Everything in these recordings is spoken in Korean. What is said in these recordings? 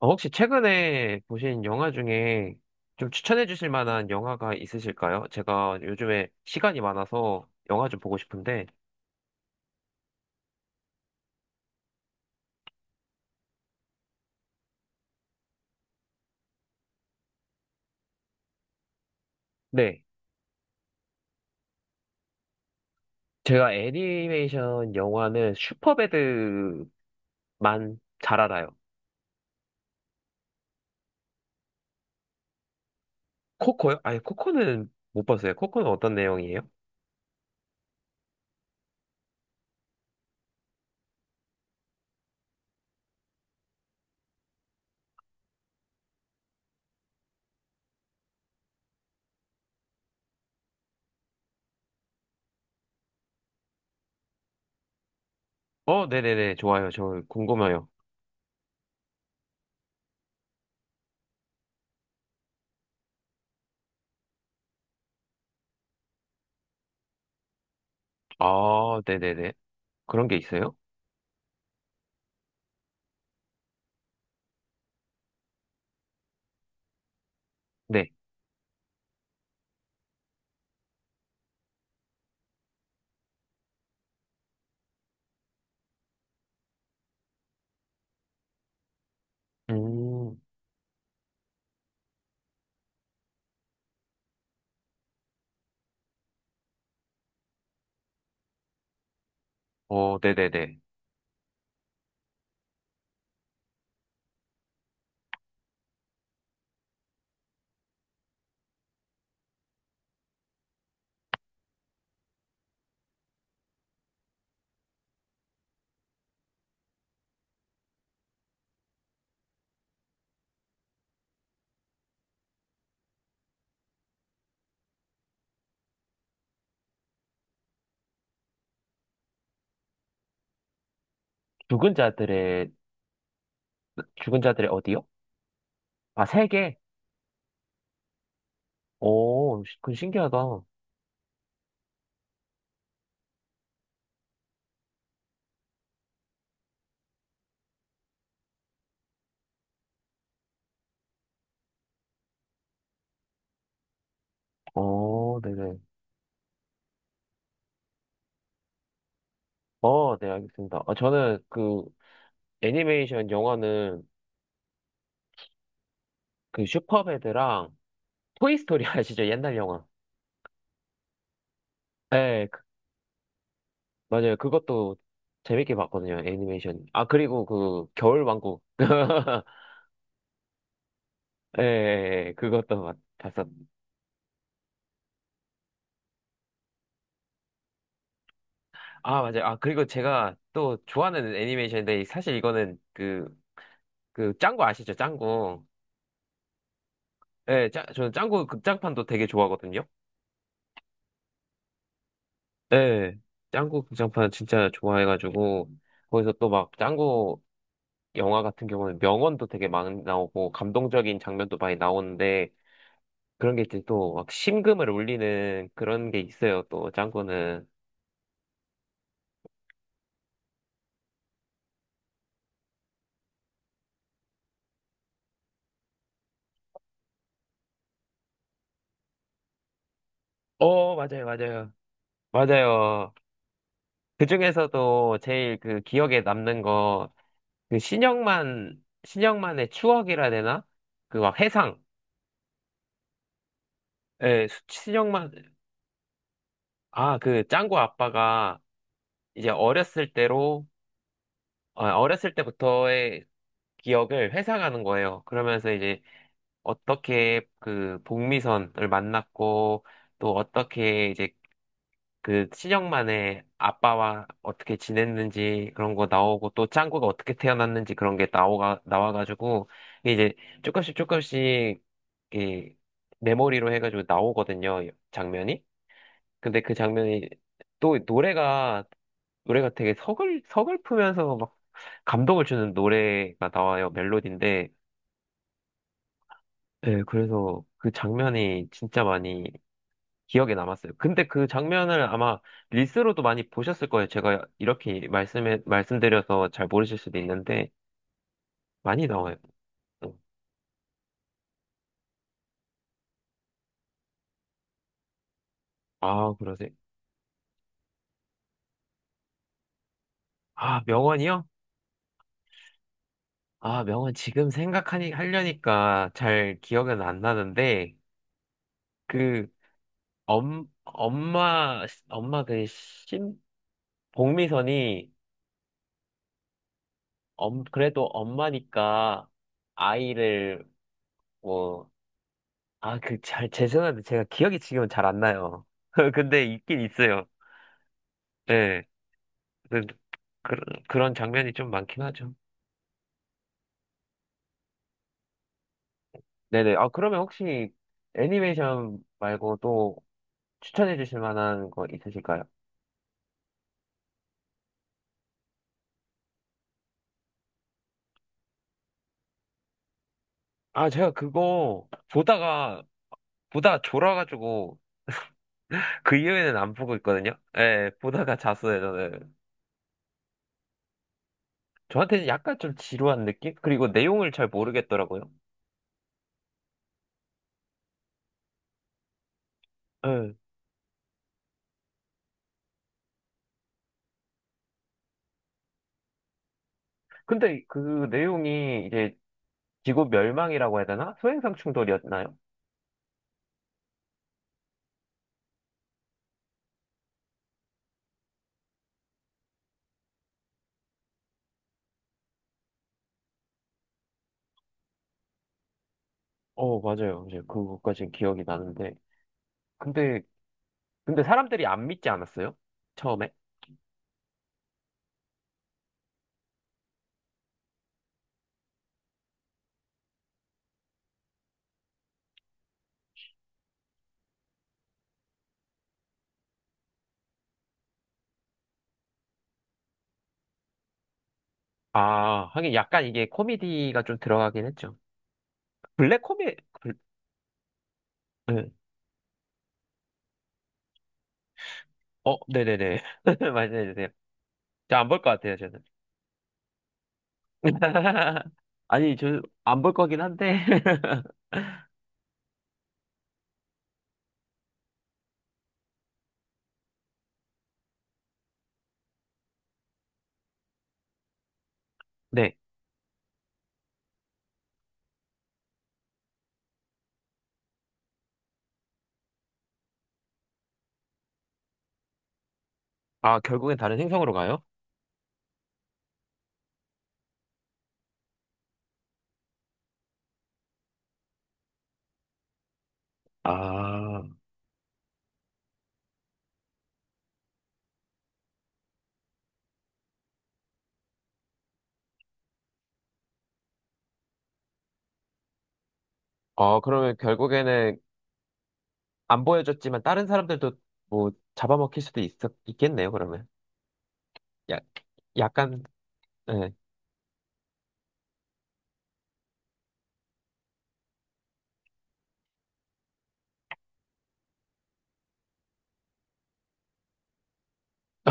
혹시 최근에 보신 영화 중에 좀 추천해 주실 만한 영화가 있으실까요? 제가 요즘에 시간이 많아서 영화 좀 보고 싶은데, 네. 제가 애니메이션 영화는 슈퍼배드만 잘 알아요. 코코요? 아니, 코코는 못 봤어요. 코코는 어떤 내용이에요? 네네네. 좋아요. 저 궁금해요. 아, 네네네. 그런 게 있어요? 네. 음, 네네네. 죽은 자들의, 죽은 자들의 어디요? 아, 세계? 그 신기하다. 네네. 네, 알겠습니다. 아, 저는 그 애니메이션 영화는 그 슈퍼배드랑 토이스토리 아시죠? 옛날 영화. 네, 그- 맞아요. 그것도 재밌게 봤거든요, 애니메이션. 아, 그리고 그 겨울왕국. 예, 예, 예, 봤었. 아, 맞아요. 아, 그리고 제가 또 좋아하는 애니메이션인데, 사실 이거는 그, 그 짱구 아시죠? 짱구. 저는 짱구 극장판도 되게 좋아하거든요. 네, 짱구 극장판 진짜 좋아해가지고, 거기서 또 막 짱구 영화 같은 경우는 명언도 되게 많이 나오고, 감동적인 장면도 많이 나오는데, 그런 게 이제 또 막 심금을 울리는 그런 게 있어요, 또 짱구는. 어, 맞아요, 맞아요. 맞아요. 그 중에서도 제일 그 기억에 남는 거, 그 신영만, 신영만의 추억이라 되나? 그 막 해상. 신영만, 아, 그 짱구 아빠가 이제 어렸을 때로 어렸을 때부터의 기억을 회상하는 거예요. 그러면서 이제 어떻게 그 복미선을 만났고 또 어떻게 이제 그 친형만의 아빠와 어떻게 지냈는지 그런 거 나오고 또 짱구가 어떻게 태어났는지 그런 게 나오가 나와가지고 이제 조금씩 조금씩 이 메모리로 해가지고 나오거든요 장면이. 근데 그 장면이 또 노래가 노래가 되게 서글프면서 막 감동을 주는 노래가 나와요, 멜로디인데. 예, 그래서 그 장면이 진짜 많이 기억에 남았어요. 근데 그 장면을 아마 릴스로도 많이 보셨을 거예요. 제가 이렇게 말씀드려서 잘 모르실 수도 있는데, 많이 나와요. 아, 그러세요? 아, 명언이요? 아, 명언 지금 하려니까 잘 기억은 안 나는데, 그, 엄마 그 심, 복미선이 엄, 그래도 엄마니까 아이를 뭐, 아, 그, 잘, 죄송한데 제가 기억이 지금은 잘 안 나요. 근데 있긴 있어요. 네. 그- 그런, 그런 장면이 좀 많긴 하죠. 네네. 아, 그러면 혹시 애니메이션 말고 또 추천해 주실 만한 거 있으실까요? 아, 제가 그거 보다가 졸아가지고 그 이후에는 안 보고 있거든요. 예, 보다가 잤어요, 저는. 저한테는 약간 좀 지루한 느낌? 그리고 내용을 잘 모르겠더라고요. 예. 근데 그 내용이 이제 지구 멸망이라고 해야 되나? 소행성 충돌이었나요? 어, 맞아요. 이제 그것까지 기억이 나는데. 근데, 근데 사람들이 안 믿지 않았어요? 처음에? 아, 하긴 약간 이게 코미디가 좀 들어가긴 했죠. 블랙 코미, 블... 네. 네네네. 말씀해주세요. 저 안 볼 것 같아요, 저는. 아니, 저 안 볼 거긴 한데. 네. 아, 결국엔 다른 행성으로 가요? 아, 그러면 결국에는 안 보여줬지만 다른 사람들도 뭐 있겠네요, 그러면. 야, 약간, 네.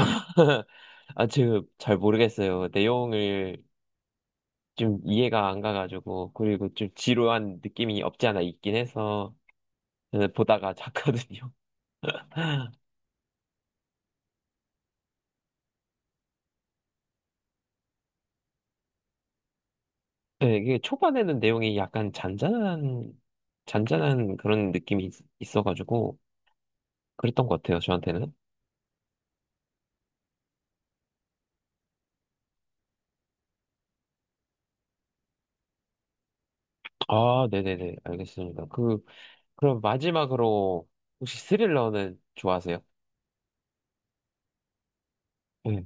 아, 지금 잘 모르겠어요. 내용을 좀 이해가 안 가가지고, 그리고 좀 지루한 느낌이 없지 않아 있긴 해서, 저는 보다가 잤거든요. 네, 이게 초반에는 내용이 약간 잔잔한 그런 느낌이 있어가지고, 그랬던 것 같아요, 저한테는. 아, 네네네, 알겠습니다. 그, 그럼 마지막으로, 혹시 스릴러는 좋아하세요? 네.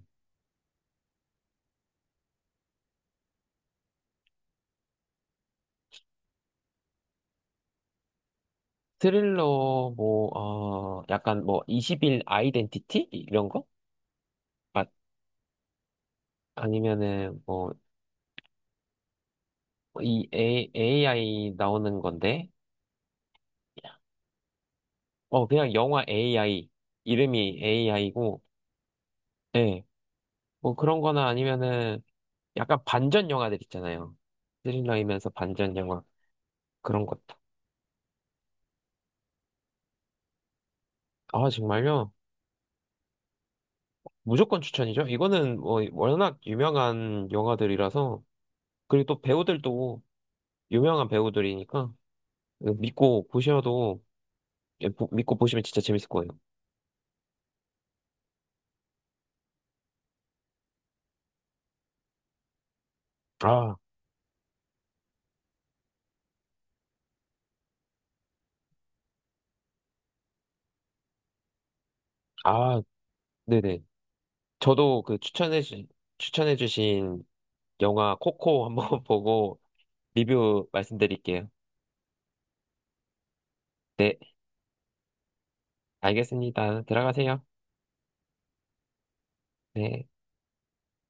스릴러 뭐 약간 뭐 20일 아이덴티티 이런 거? 아, 아니면은 뭐 이 AI 나오는 건데 어 그냥 영화 AI 이름이 AI고 예. 뭐 그런 거나 아니면은 약간 반전 영화들 있잖아요. 스릴러이면서 반전 영화 그런 것도. 아 정말요? 무조건 추천이죠. 이거는 뭐 워낙 유명한 영화들이라서 그리고 또 배우들도 유명한 배우들이니까 믿고 보셔도 믿고 보시면 진짜 재밌을 거예요. 아, 아, 네네. 저도 그 추천해주, 추천해주신 영화 코코 한번 보고 리뷰 말씀드릴게요. 네, 알겠습니다. 들어가세요. 네.